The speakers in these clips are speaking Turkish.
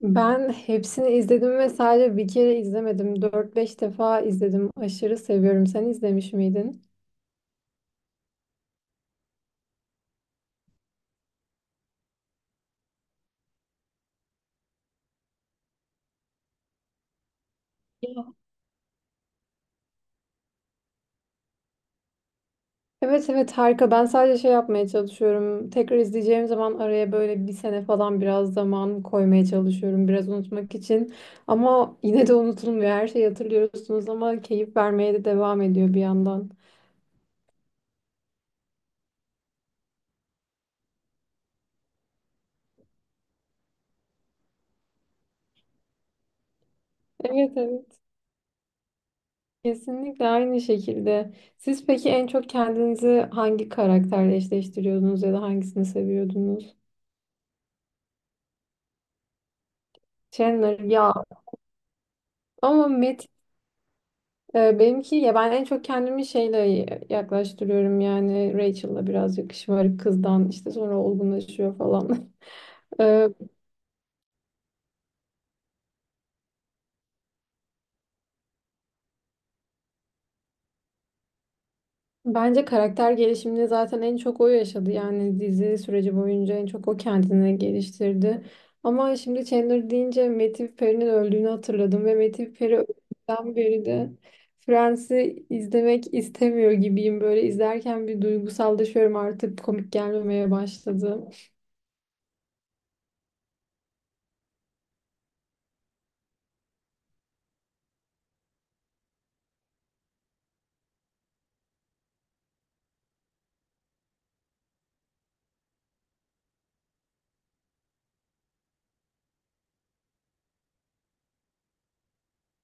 Ben hepsini izledim ve sadece bir kere izlemedim. Dört beş defa izledim. Aşırı seviyorum. Sen izlemiş miydin? Evet, evet, harika. Ben sadece şey yapmaya çalışıyorum. Tekrar izleyeceğim zaman araya böyle bir sene falan biraz zaman koymaya çalışıyorum. Biraz unutmak için. Ama yine de unutulmuyor. Her şeyi hatırlıyorsunuz ama keyif vermeye de devam ediyor bir yandan. Evet, evet. Kesinlikle aynı şekilde. Siz peki en çok kendinizi hangi karakterle eşleştiriyordunuz ya da hangisini seviyordunuz? Chandler ya, ama Matt. Benimki ya, ben en çok kendimi şeyle yaklaştırıyorum yani Rachel'la biraz yakışık kızdan işte sonra olgunlaşıyor falan. Ee, Bence karakter gelişimini zaten en çok o yaşadı yani dizi süreci boyunca en çok o kendini geliştirdi. Ama şimdi Chandler deyince Matthew Perry'nin öldüğünü hatırladım ve Matthew Perry öldükten beri de Friends'i izlemek istemiyor gibiyim, böyle izlerken bir duygusallaşıyorum, artık komik gelmemeye başladı.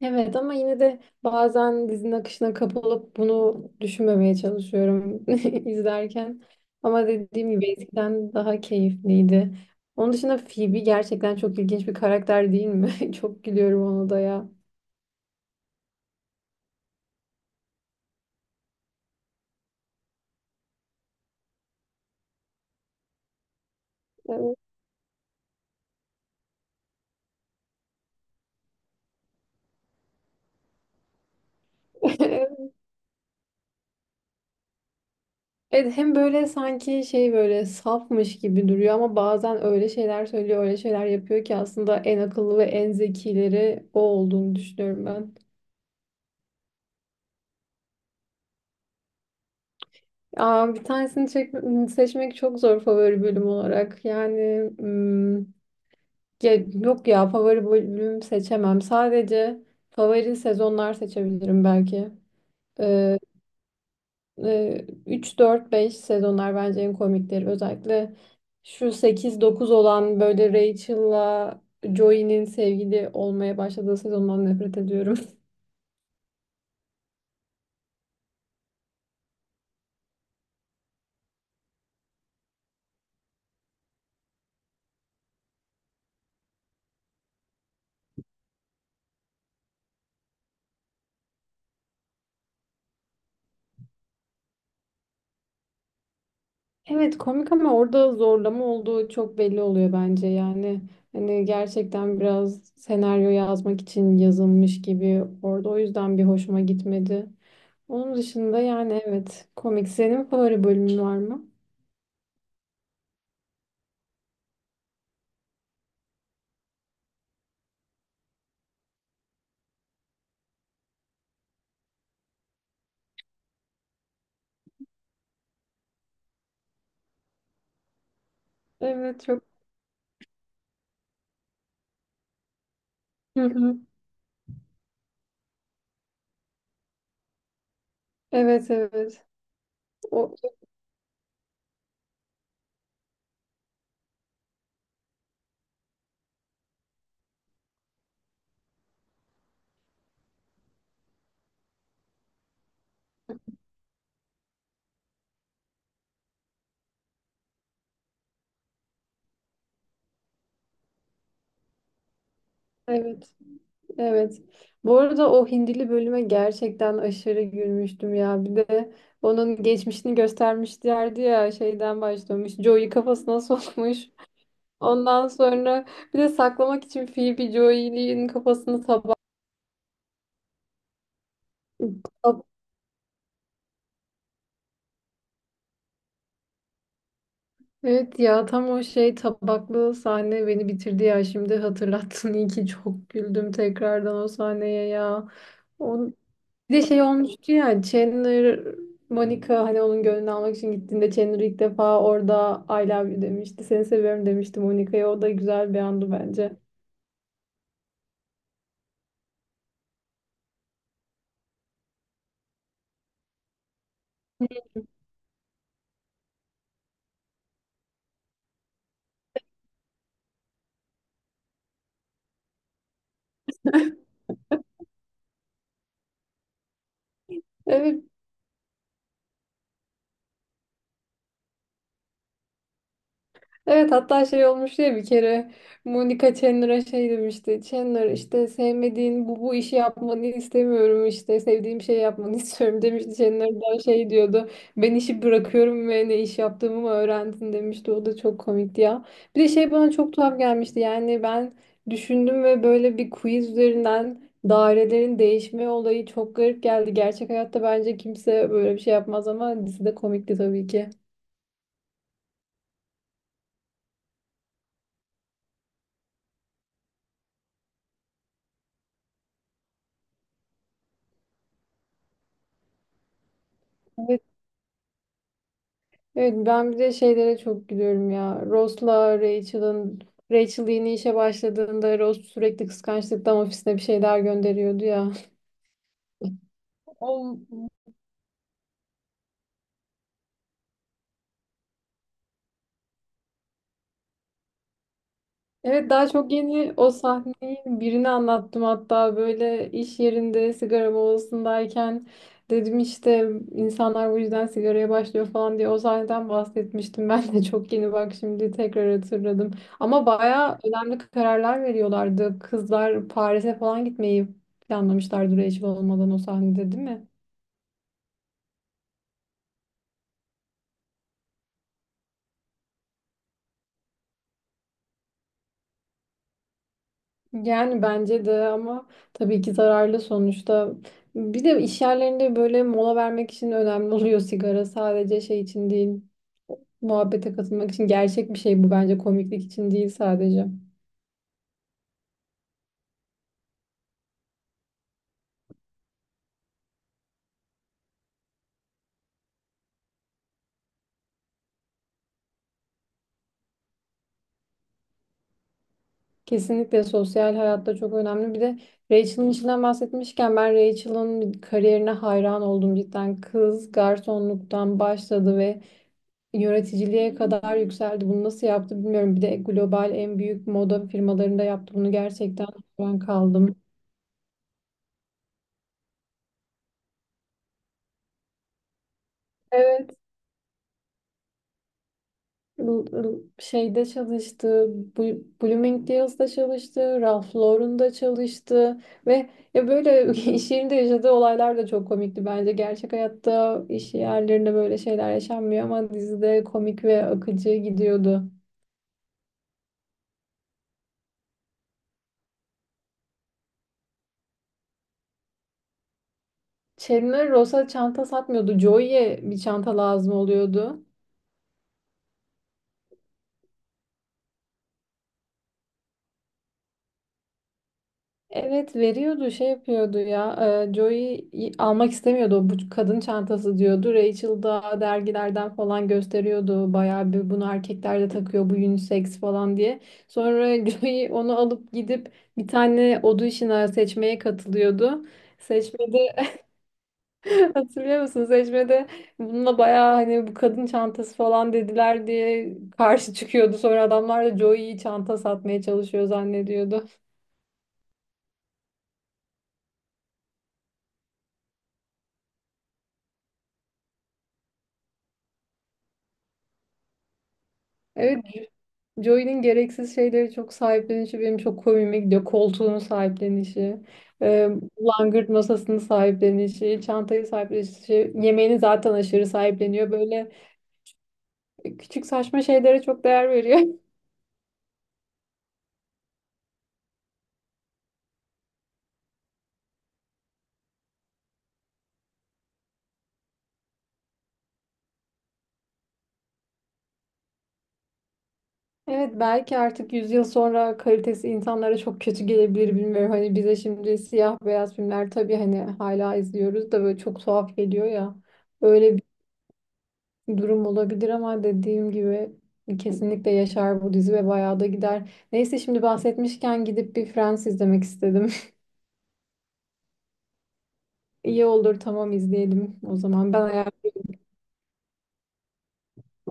Evet, ama yine de bazen dizinin akışına kapılıp bunu düşünmemeye çalışıyorum izlerken. Ama dediğim gibi eskiden daha keyifliydi. Onun dışında Phoebe gerçekten çok ilginç bir karakter değil mi? Çok gülüyorum ona da ya. Evet. Evet, hem böyle sanki şey böyle safmış gibi duruyor ama bazen öyle şeyler söylüyor, öyle şeyler yapıyor ki aslında en akıllı ve en zekileri o olduğunu düşünüyorum. Aa, bir tanesini seçmek çok zor favori bölüm olarak. Yani ya, yok ya, favori bölüm seçemem. Sadece favori sezonlar seçebilirim belki. Ee, 3, 4, 5 sezonlar bence en komikleri. Özellikle şu 8 9 olan böyle Rachel'la Joey'nin sevgili olmaya başladığı sezondan nefret ediyorum. Evet komik, ama orada zorlama olduğu çok belli oluyor bence yani hani gerçekten biraz senaryo yazmak için yazılmış gibi orada, o yüzden bir hoşuma gitmedi. Onun dışında yani evet, komik. Senin favori bölümün var mı? Evet çok. Hı hı. Evet, evet. O, evet, evet. Bu arada o Hindili bölüme gerçekten aşırı gülmüştüm ya. Bir de onun geçmişini göstermişlerdi ya, şeyden başlamış. Joey kafasına sokmuş. Ondan sonra bir de saklamak için Phoebe Joy'nin kafasını tabak... tab- Evet ya, tam o şey tabaklı sahne beni bitirdi ya, şimdi hatırlattın, iyi ki çok güldüm tekrardan o sahneye ya. On... Bir de şey olmuştu ya, Chandler Monica hani onun gönlünü almak için gittiğinde, Chandler ilk defa orada I love you demişti. Seni seviyorum demişti Monica'ya. O da güzel bir andı bence. Evet. Evet, hatta şey olmuştu ya bir kere, Monica Chandler'a şey demişti. Chandler, işte sevmediğin bu işi yapmanı istemiyorum, işte sevdiğim şey yapmanı istiyorum demişti. Chandler da şey diyordu. Ben işi bırakıyorum ve ne iş yaptığımı mı öğrendin demişti. O da çok komikti ya. Bir de şey bana çok tuhaf gelmişti. Yani ben düşündüm ve böyle bir quiz üzerinden dairelerin değişme olayı çok garip geldi. Gerçek hayatta bence kimse böyle bir şey yapmaz ama dizide komikti tabii ki. Evet, ben bir de şeylere çok gülüyorum ya. Ross'la Rachel'ın, Rachel yeni işe başladığında Ross sürekli kıskançlıktan ofisine bir şeyler gönderiyordu ya. Evet, daha çok yeni o sahneyi birini anlattım, hatta böyle iş yerinde sigara molasındayken dedim işte insanlar bu yüzden sigaraya başlıyor falan diye o sahneden bahsetmiştim. Ben de çok yeni, bak, şimdi tekrar hatırladım. Ama bayağı önemli kararlar veriyorlardı. Kızlar Paris'e falan gitmeyi planlamışlardı Rachel olmadan o sahnede, değil mi? Yani bence de, ama tabii ki zararlı sonuçta. Bir de iş yerlerinde böyle mola vermek için önemli oluyor sigara. Sadece şey için değil, muhabbete katılmak için gerçek bir şey bu bence, komiklik için değil sadece. Kesinlikle sosyal hayatta çok önemli. Bir de Rachel'ın içinden bahsetmişken, ben Rachel'ın kariyerine hayran oldum cidden. Kız garsonluktan başladı ve yöneticiliğe kadar yükseldi. Bunu nasıl yaptı bilmiyorum. Bir de global en büyük moda firmalarında yaptı. Bunu gerçekten ben kaldım. Evet. Şeyde çalıştı, Bloomingdale's'da çalıştı, Ralph Lauren'da çalıştı ve ya böyle iş yerinde yaşadığı olaylar da çok komikti bence. Gerçek hayatta iş yerlerinde böyle şeyler yaşanmıyor ama dizide komik ve akıcı gidiyordu. Chandler Ross'a çanta satmıyordu, Joey'e bir çanta lazım oluyordu. Evet veriyordu, şey yapıyordu ya, Joey almak istemiyordu, bu kadın çantası diyordu, Rachel da dergilerden falan gösteriyordu bayağı, bir bunu erkekler de takıyor, bu unisex falan diye sonra Joey onu alıp gidip bir tane audition'a, seçmeye katılıyordu, seçmede hatırlıyor musun seçmede, bununla bayağı hani bu kadın çantası falan dediler diye karşı çıkıyordu, sonra adamlar da Joey'yi çanta satmaya çalışıyor zannediyordu. Evet, Joey'nin gereksiz şeyleri çok sahiplenişi benim çok komiğime gidiyor. Koltuğunu sahiplenişi, e, langırt masasını sahiplenişi, çantayı sahiplenişi, şey, yemeğini zaten aşırı sahipleniyor. Böyle küçük saçma şeylere çok değer veriyor. Evet, belki artık 100 yıl sonra kalitesi insanlara çok kötü gelebilir, bilmiyorum. Hani bize şimdi siyah beyaz filmler tabii hani hala izliyoruz da böyle çok tuhaf geliyor ya. Öyle durum olabilir ama dediğim gibi kesinlikle yaşar bu dizi ve bayağı da gider. Neyse, şimdi bahsetmişken gidip bir Friends izlemek istedim. İyi olur, tamam, izleyelim o zaman. Ben